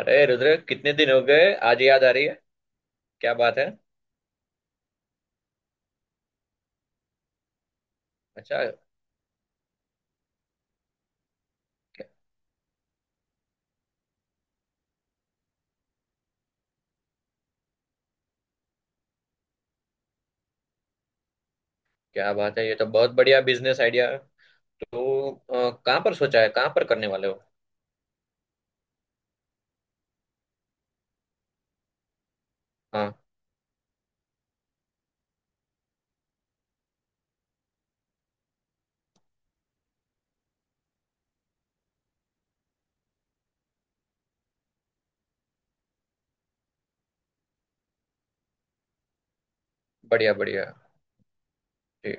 अरे रुद्र, कितने दिन हो गए, आज याद आ रही है। क्या बात है। अच्छा। क्या, क्या बात है, ये तो बहुत बढ़िया बिजनेस आइडिया है। तो कहाँ पर सोचा है, कहाँ पर करने वाले हो? हाँ। बढ़िया बढ़िया। जी।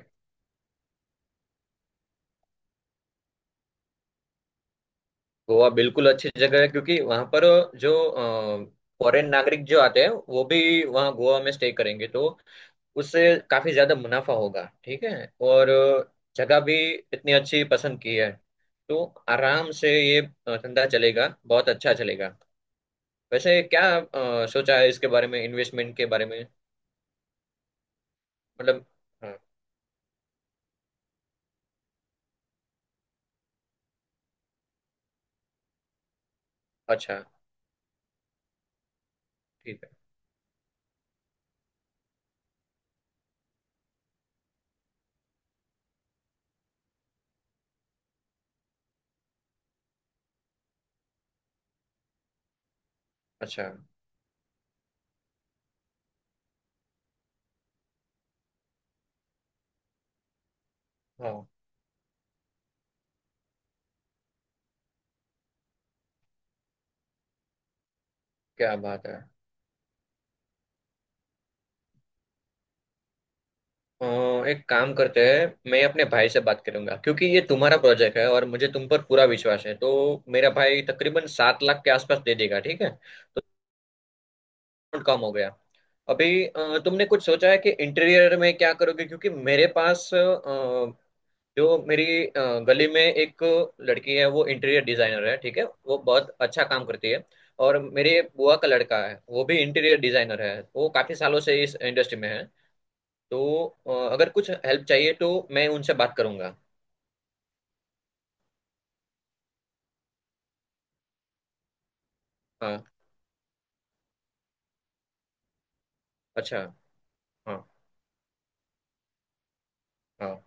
गोवा बिल्कुल अच्छी जगह है, क्योंकि वहाँ पर जो फॉरेन नागरिक जो आते हैं वो भी वहाँ गोवा में स्टे करेंगे, तो उससे काफी ज्यादा मुनाफा होगा। ठीक है। और जगह भी इतनी अच्छी पसंद की है, तो आराम से ये धंधा चलेगा, बहुत अच्छा चलेगा। वैसे क्या सोचा है इसके बारे में, इन्वेस्टमेंट के बारे में? मतलब। हाँ। अच्छा। ठीक है। अच्छा। हाँ। क्या बात है। अ, एक काम करते हैं, मैं अपने भाई से बात करूंगा क्योंकि ये तुम्हारा प्रोजेक्ट है और मुझे तुम पर पूरा विश्वास है। तो मेरा भाई तकरीबन 7 लाख के आसपास दे देगा, ठीक है। और कम हो गया। अभी तुमने कुछ सोचा है कि इंटीरियर में क्या करोगे? क्योंकि मेरे पास, जो मेरी गली में एक लड़की है, वो इंटीरियर डिजाइनर है, ठीक है, वो बहुत अच्छा काम करती है। और मेरे बुआ का लड़का है, वो भी इंटीरियर डिजाइनर है, वो काफी सालों से इस इंडस्ट्री में है। तो अगर कुछ हेल्प चाहिए तो मैं उनसे बात करूंगा। हाँ। अच्छा। हाँ हाँ।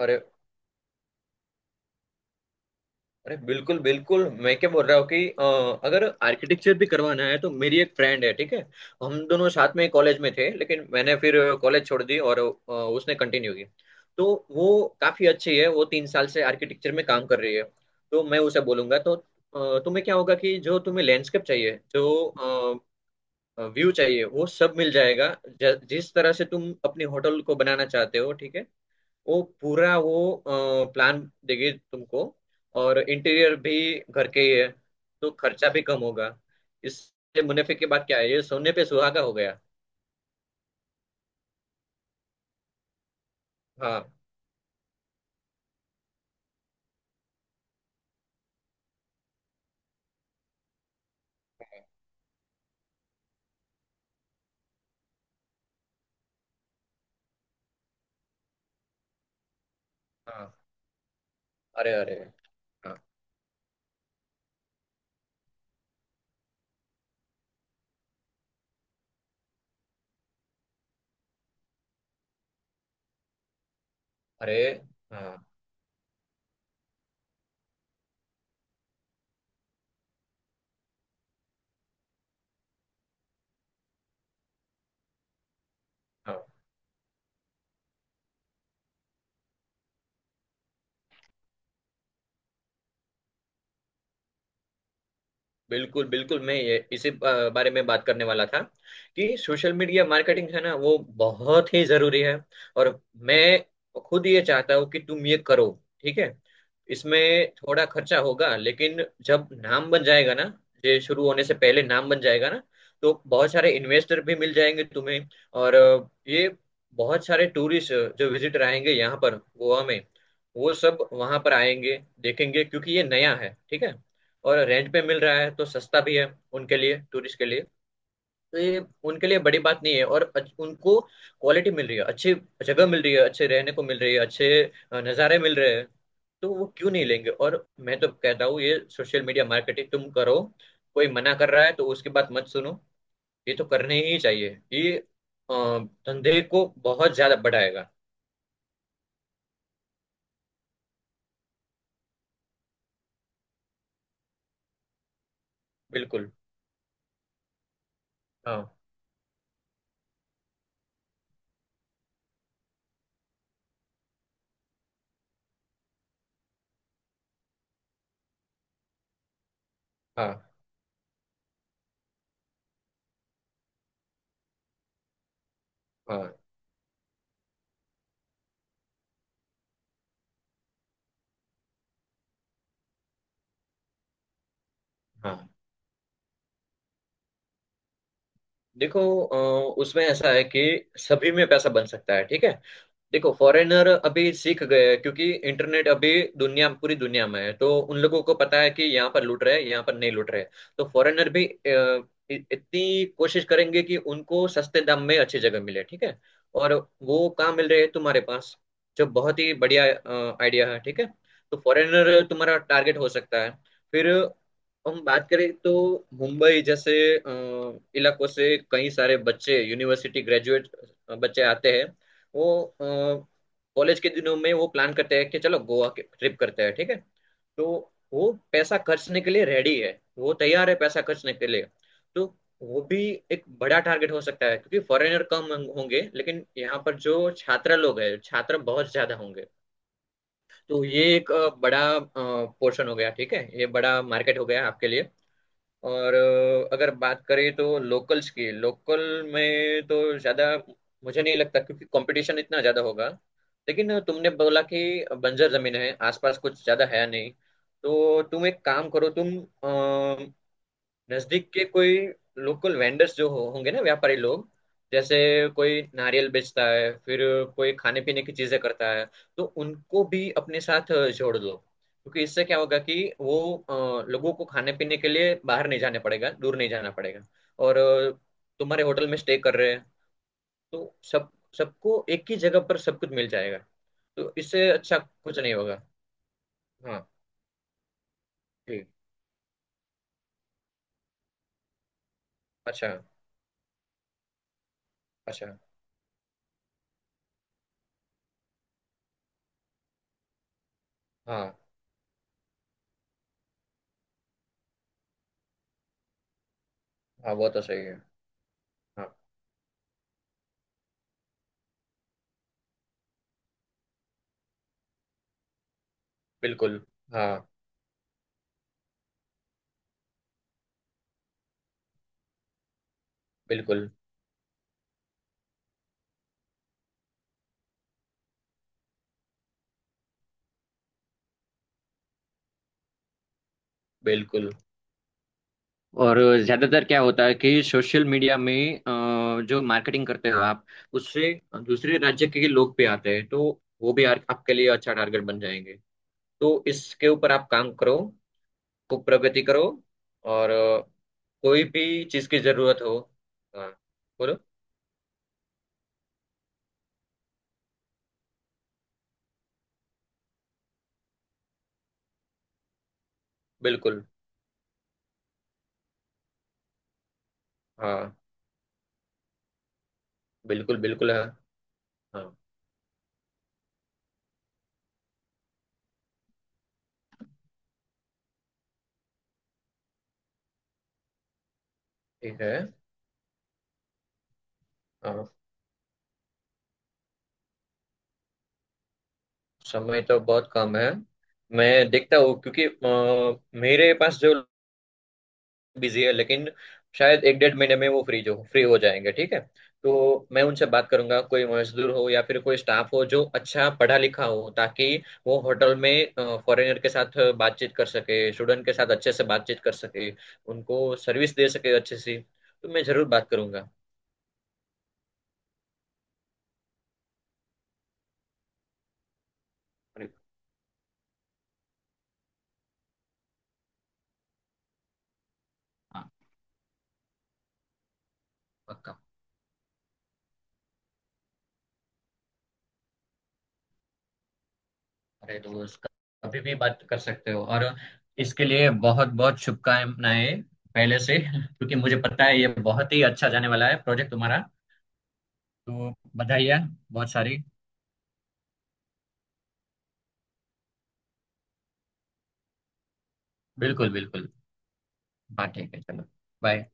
अरे अरे, बिल्कुल बिल्कुल। मैं क्या बोल रहा हूँ कि अगर आर्किटेक्चर भी करवाना है, तो मेरी एक फ्रेंड है, ठीक है। हम दोनों साथ में कॉलेज में थे, लेकिन मैंने फिर कॉलेज छोड़ दी और उसने कंटिन्यू की। तो वो काफी अच्छी है, वो 3 साल से आर्किटेक्चर में काम कर रही है। तो मैं उसे बोलूंगा। तो तुम्हें क्या होगा कि जो तुम्हें लैंडस्केप चाहिए, जो व्यू चाहिए, वो सब मिल जाएगा। जिस तरह से तुम अपनी होटल को बनाना चाहते हो, ठीक है, वो पूरा वो प्लान देगी तुमको। और इंटीरियर भी घर के ही है, तो खर्चा भी कम होगा। इससे मुनाफे की बात क्या है, ये सोने पे सुहागा हो गया। हाँ। हाँ। अरे अरे। हाँ। अरे। हाँ हाँ। बिल्कुल बिल्कुल, मैं ये इसी बारे में बात करने वाला था कि सोशल मीडिया मार्केटिंग है ना, वो बहुत ही जरूरी है। और मैं खुद ये चाहता हूँ कि तुम ये करो, ठीक है। इसमें थोड़ा खर्चा होगा, लेकिन जब नाम बन जाएगा ना, ये शुरू होने से पहले नाम बन जाएगा ना, तो बहुत सारे इन्वेस्टर भी मिल जाएंगे तुम्हें। और ये बहुत सारे टूरिस्ट, जो विजिटर आएंगे यहाँ पर गोवा में, वो सब वहां पर आएंगे, देखेंगे, क्योंकि ये नया है, ठीक है। और रेंट पे मिल रहा है, तो सस्ता भी है उनके लिए, टूरिस्ट के लिए। तो ये उनके लिए बड़ी बात नहीं है। और उनको क्वालिटी मिल रही है अच्छी, जगह मिल रही है अच्छे रहने को, मिल रही है अच्छे नज़ारे मिल रहे हैं, तो वो क्यों नहीं लेंगे? और मैं तो कहता हूँ ये सोशल मीडिया मार्केटिंग तुम करो। कोई मना कर रहा है तो उसकी बात मत सुनो। ये तो करने ही चाहिए, ये अ, धंधे को बहुत ज्यादा बढ़ाएगा। बिल्कुल। हाँ। हाँ। हाँ। हाँ, देखो, उसमें ऐसा है कि सभी में पैसा बन सकता है, ठीक है। देखो, फॉरेनर अभी सीख गए हैं क्योंकि इंटरनेट अभी दुनिया, पूरी दुनिया में है, तो उन लोगों को पता है कि यहाँ पर लूट रहे हैं, यहाँ पर नहीं लूट रहे हैं। तो फॉरेनर भी इतनी कोशिश करेंगे कि उनको सस्ते दाम में अच्छी जगह मिले, ठीक है। और वो कहाँ मिल रहे हैं? तुम्हारे पास, जो बहुत ही बढ़िया आइडिया है, ठीक है। तो फॉरेनर तुम्हारा टारगेट हो सकता है। फिर हम बात करें तो मुंबई जैसे इलाकों से कई सारे बच्चे, यूनिवर्सिटी ग्रेजुएट बच्चे आते हैं। वो कॉलेज के दिनों में, वो प्लान करते हैं कि चलो गोवा के ट्रिप करते हैं, ठीक है। तो वो पैसा खर्चने के लिए रेडी है, वो तैयार है पैसा खर्चने के लिए। तो वो भी एक बड़ा टारगेट हो सकता है क्योंकि फॉरेनर कम होंगे, लेकिन यहाँ पर जो छात्र लोग हैं, छात्र बहुत ज्यादा होंगे। तो ये एक बड़ा पोर्शन हो गया, ठीक है, ये बड़ा मार्केट हो गया आपके लिए। और अगर बात करें तो लोकल्स की, लोकल में तो ज़्यादा मुझे नहीं लगता क्योंकि कंपटीशन इतना ज़्यादा होगा। लेकिन तुमने बोला कि बंजर ज़मीन है, आसपास कुछ ज़्यादा है नहीं, तो तुम एक काम करो, तुम नजदीक के कोई लोकल वेंडर्स जो होंगे ना, व्यापारी लोग, जैसे कोई नारियल बेचता है, फिर कोई खाने पीने की चीजें करता है, तो उनको भी अपने साथ जोड़ लो। क्योंकि इससे क्या होगा कि वो लोगों को खाने पीने के लिए बाहर नहीं जाने पड़ेगा, दूर नहीं जाना पड़ेगा। और तुम्हारे होटल में स्टे कर रहे हैं, तो सब, सबको एक ही जगह पर सब कुछ मिल जाएगा। तो इससे अच्छा कुछ नहीं होगा। हाँ। ठीक। अच्छा। अच्छा। हाँ। हाँ, वो तो सही है। हाँ। बिल्कुल। हाँ। बिल्कुल बिल्कुल। और ज्यादातर क्या होता है कि सोशल मीडिया में जो मार्केटिंग करते हो आप, उससे दूसरे राज्य के लोग भी आते हैं, तो वो भी आपके लिए अच्छा टारगेट बन जाएंगे। तो इसके ऊपर आप काम करो, खूब प्रगति करो। और कोई भी चीज की जरूरत हो। हाँ। बोलो। बिल्कुल। हाँ, बिल्कुल बिल्कुल है। हाँ। ठीक है। हाँ, समय तो बहुत कम है। मैं देखता हूँ क्योंकि मेरे पास जो बिजी है, लेकिन शायद एक 1.5 महीने में वो फ्री जो फ्री हो जाएंगे, ठीक है। तो मैं उनसे बात करूंगा, कोई मजदूर हो या फिर कोई स्टाफ हो जो अच्छा पढ़ा लिखा हो, ताकि वो होटल में फॉरेनर के साथ बातचीत कर सके, स्टूडेंट के साथ अच्छे से बातचीत कर सके, उनको सर्विस दे सके अच्छे से। तो मैं जरूर बात करूंगा। अरे। हाँ। पक्का। अरे दोस्त, कभी भी बात कर सकते हो। और इसके लिए बहुत बहुत शुभकामनाएं पहले से क्योंकि मुझे पता है ये बहुत ही अच्छा जाने वाला है प्रोजेक्ट तुम्हारा। तो बधाई है। बहुत सारी। बिल्कुल बिल्कुल। हाँ, ठीक है, चलो। बाय।